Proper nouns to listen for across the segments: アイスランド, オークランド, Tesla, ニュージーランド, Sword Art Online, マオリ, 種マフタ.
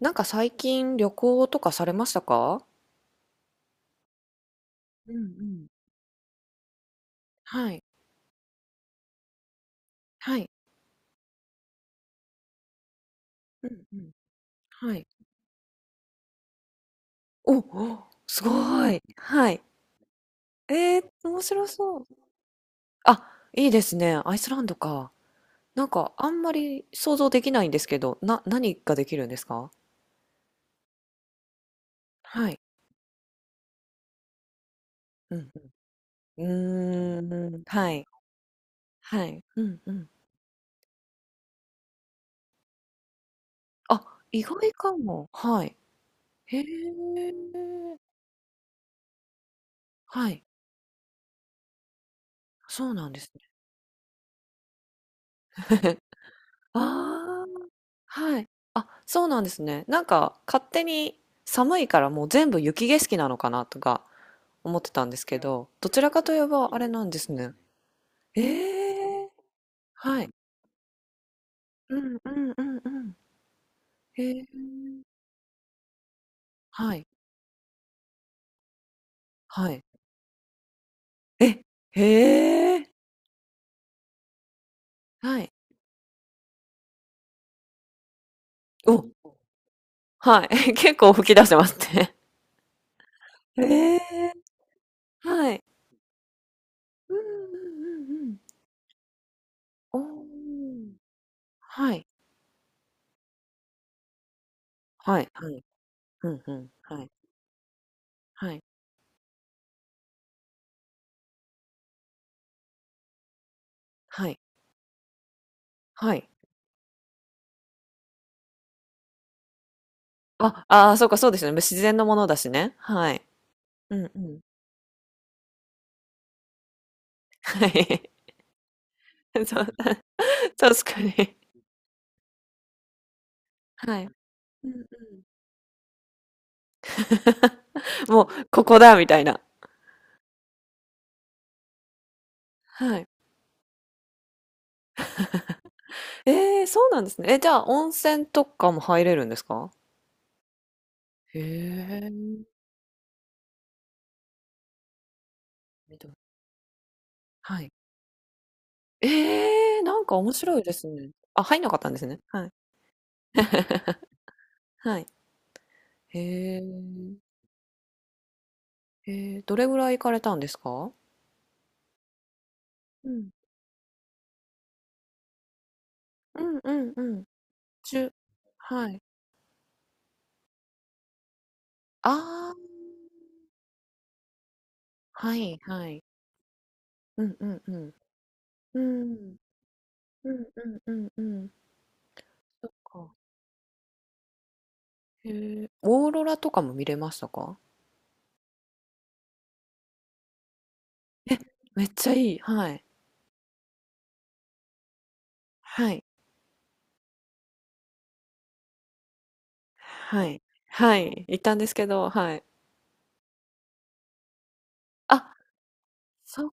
なんか最近旅行とかされましたか？うんうん。はい、はい。うんうん。はい。お、お、すごい。はい。ええ、面白そう。あ、いいですね。アイスランドか。なんかあんまり想像できないんですけど、何ができるんですか？はい。うんうん。うーん、はい。はい。うんうん。あ、意外かも。はい。へえ。はい。そうなんですね。ああ。はい。あ、そうなんですね。なんか勝手に寒いからもう全部雪景色なのかなとか思ってたんですけど、どちらかといえばあれなんですね。ええ、はい。うんうんうんうん。へえ、はい。はい。え、へえ、はい。お、はい。結構吹き出してますね。ええ、はい。うんうんうんうん。おー。はい。はい。はい。うんうん。はい。はい。はい。はい。あ、ああ、そうか、そうですよね。自然のものだしね。はい。うんうん。はい。そう、確かに。はい。うんうん。もう、ここだみたいな。はい。ええ、そうなんですね。え、じゃあ、温泉とかも入れるんですか？へえ。緑、はい。ええ、なんか面白いですね。あ、入んなかったんですね。はい。はい。へえ。えー、どれぐらい行かれたんですか？うん。うんうんうん。中、はい。ああ、はいはい。うんうんうん。うん。うんうんうんうん。そっか。へえ。オーロラとかも見れましたか？めっちゃいい。はい。はい。はい。はい。行ったんですけど、はい。あ、そ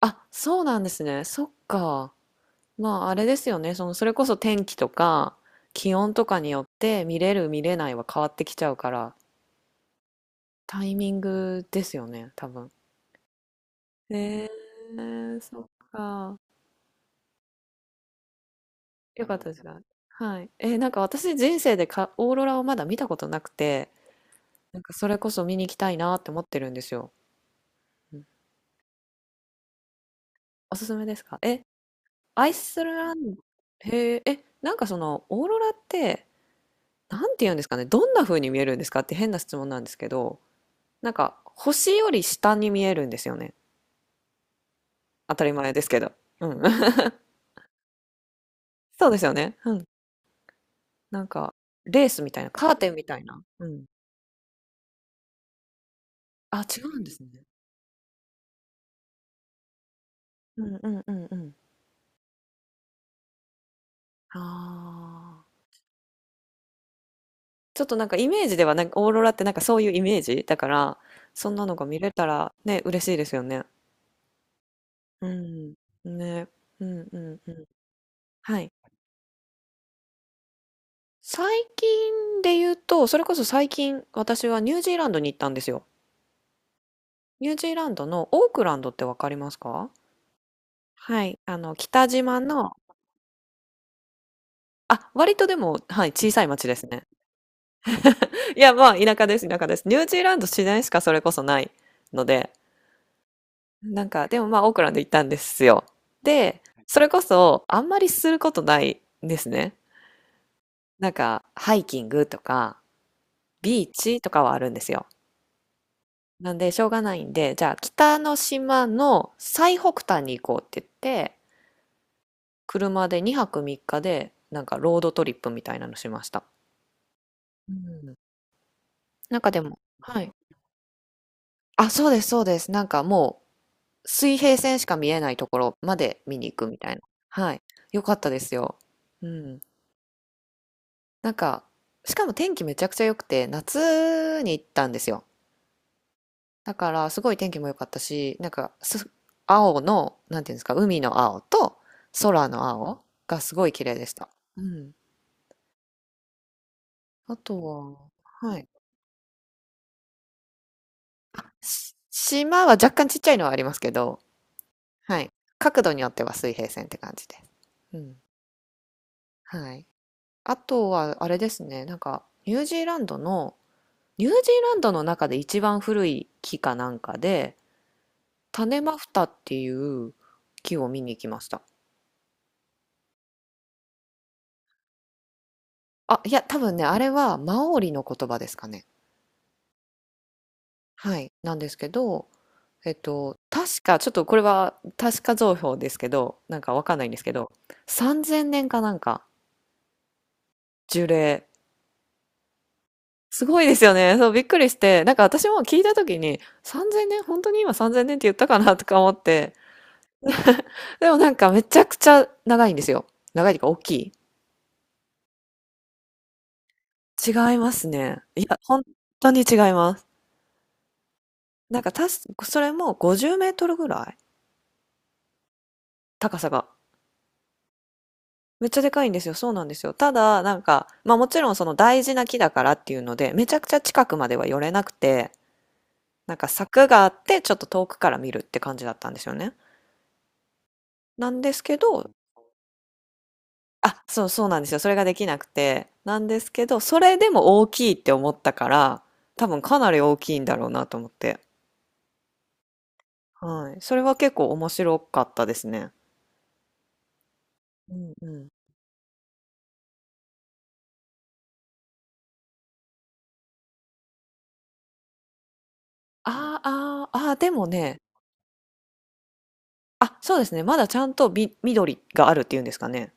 うなんですね。そっか。まあ、あれですよね。その、それこそ天気とか気温とかによって見れる見れないは変わってきちゃうから、タイミングですよね、多分。へえ、そっか。よかったですか。はい。なんか私、人生でオーロラをまだ見たことなくて、なんかそれこそ見に行きたいなって思ってるんですよ。うん、おすすめですか。え、アイスランド、へええ、なんかそのオーロラって、なんて言うんですかね、どんな風に見えるんですかって変な質問なんですけど、なんか星より下に見えるんですよね。当たり前ですけど。うん。そうですよね。うん。なんか、レースみたいな、カーテンみたいな。うん。あ、違うんですね。うんうんうんうん。ああ。ちょっとなんかイメージではなんかオーロラってなんかそういうイメージだから、そんなのが見れたらね、嬉しいですよね。うん、ね、うんうんうん、はい。最近で言うと、それこそ最近私はニュージーランドに行ったんですよ。ニュージーランドのオークランドってわかりますか？はい。あの、北島の、あ、割とでも、はい、小さい町ですね。いや、まあ、田舎です、田舎です。ニュージーランド、自然しかそれこそないので、なんか、でもまあ、オークランド行ったんですよ。で、それこそ、あんまりすることないんですね。なんか、ハイキングとか、ビーチとかはあるんですよ。なんで、しょうがないんで、じゃあ、北の島の最北端に行こうって言って、車で2泊3日で、なんか、ロードトリップみたいなのしました。うん。なんかでも、はい。あ、そうです、そうです。なんかもう、水平線しか見えないところまで見に行くみたいな。はい。よかったですよ。うん。なんか、しかも天気めちゃくちゃ良くて、夏に行ったんですよ。だから、すごい天気も良かったし、なんか、青の、なんていうんですか、海の青と空の青がすごい綺麗でした。うん。あとは、はい。し、島は若干ちっちゃいのはありますけど、はい。角度によっては水平線って感じです。うん。はい。あとは、あれですね、なんか、ニュージーランドの、ニュージーランドの中で一番古い木かなんかで、種マフタっていう木を見に行きました。あ、いや、多分ね、あれはマオリの言葉ですかね。はい。なんですけど、確か、ちょっとこれは確か情報ですけど、なんかわかんないんですけど、3000年かなんか、樹齢。すごいですよね。そう、びっくりして、なんか私も聞いた時に、3000年、本当に今3000年って言ったかなとか思って、でもなんかめちゃくちゃ長いんですよ。長いというか大きい。違いますね。いや、本当に違います。なんかそれも50メートルぐらい高さが。めっちゃでかいんですよ。そうなんですよ。ただ、なんか、まあもちろんその大事な木だからっていうので、めちゃくちゃ近くまでは寄れなくて、なんか柵があって、ちょっと遠くから見るって感じだったんですよね。なんですけど、あ、そうそうなんですよ。それができなくて。なんですけど、それでも大きいって思ったから、多分かなり大きいんだろうなと思って。はい。それは結構面白かったですね。うんうん。あーあー、あーでもね、あ、そうですね。まだちゃんと緑があるっていうんですかね。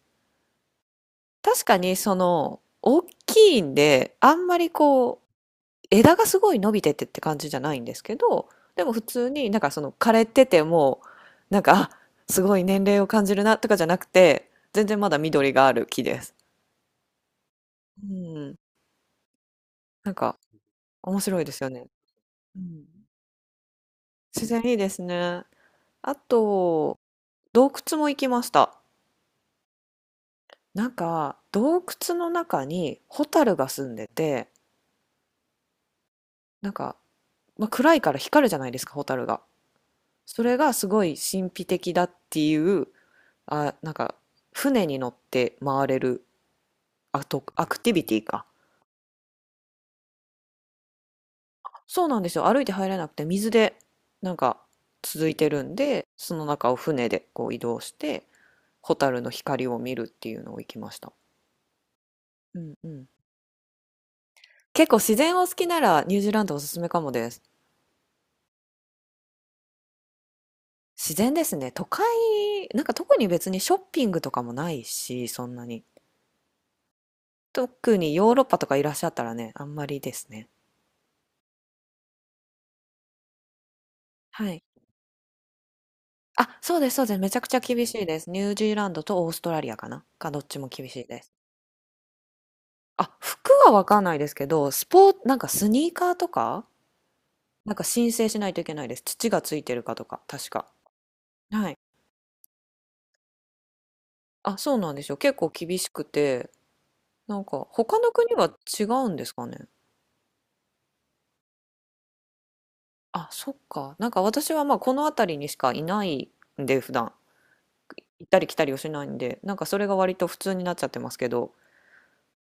確かにその大きいんで、あんまりこう枝がすごい伸びててって感じじゃないんですけど、でも普通になんかその枯れててもなんかすごい年齢を感じるなとかじゃなくて、全然まだ緑がある木です。うん、なんか面白いですよね。うん、自然いいですね。あと洞窟も行きました。なんか洞窟の中にホタルが住んでて。なんか、まあ、暗いから光るじゃないですか、蛍が。それがすごい神秘的だっていう、あ、なんか、船に乗って回れるアクティビティか。そうなんですよ。歩いて入れなくて、水で、なんか、続いてるんで、その中を船でこう移動して、蛍の光を見るっていうのを行きました。うんうん。結構自然を好きならニュージーランドおすすめかもです。自然ですね。都会、なんか特に別にショッピングとかもないし、そんなに。特にヨーロッパとかいらっしゃったらね、あんまりですね。はい。あ、そうです、そうです。めちゃくちゃ厳しいです。ニュージーランドとオーストラリアかな、どっちも厳しいです。あ、服はわかんないですけど、スポーツ、なんかスニーカーとか、なんか申請しないといけないです。土がついてるかとか、確か。はい。あ、そうなんですよ。結構厳しくて、なんか他の国は違うんですかね。あ、そっか。なんか私はまあこの辺りにしかいないんで、普段。行ったり来たりをしないんで、なんかそれが割と普通になっちゃってますけど、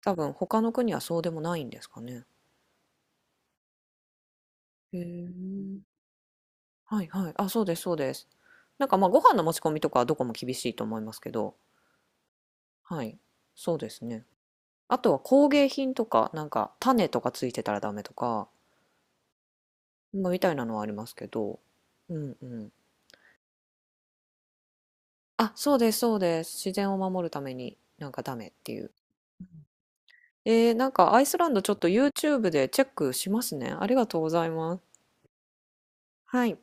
多分他の国はそうでもないんですかね。へえ。はいはい。あ、そうですそうです。なんかまあご飯の持ち込みとかはどこも厳しいと思いますけど、はい。そうですね。あとは工芸品とか、なんか種とかついてたらダメとか、まあ、みたいなのはありますけど、うんうん。あ、そうですそうです。自然を守るためになんかダメっていう。えー、なんかアイスランドちょっと YouTube でチェックしますね。ありがとうございます。はい。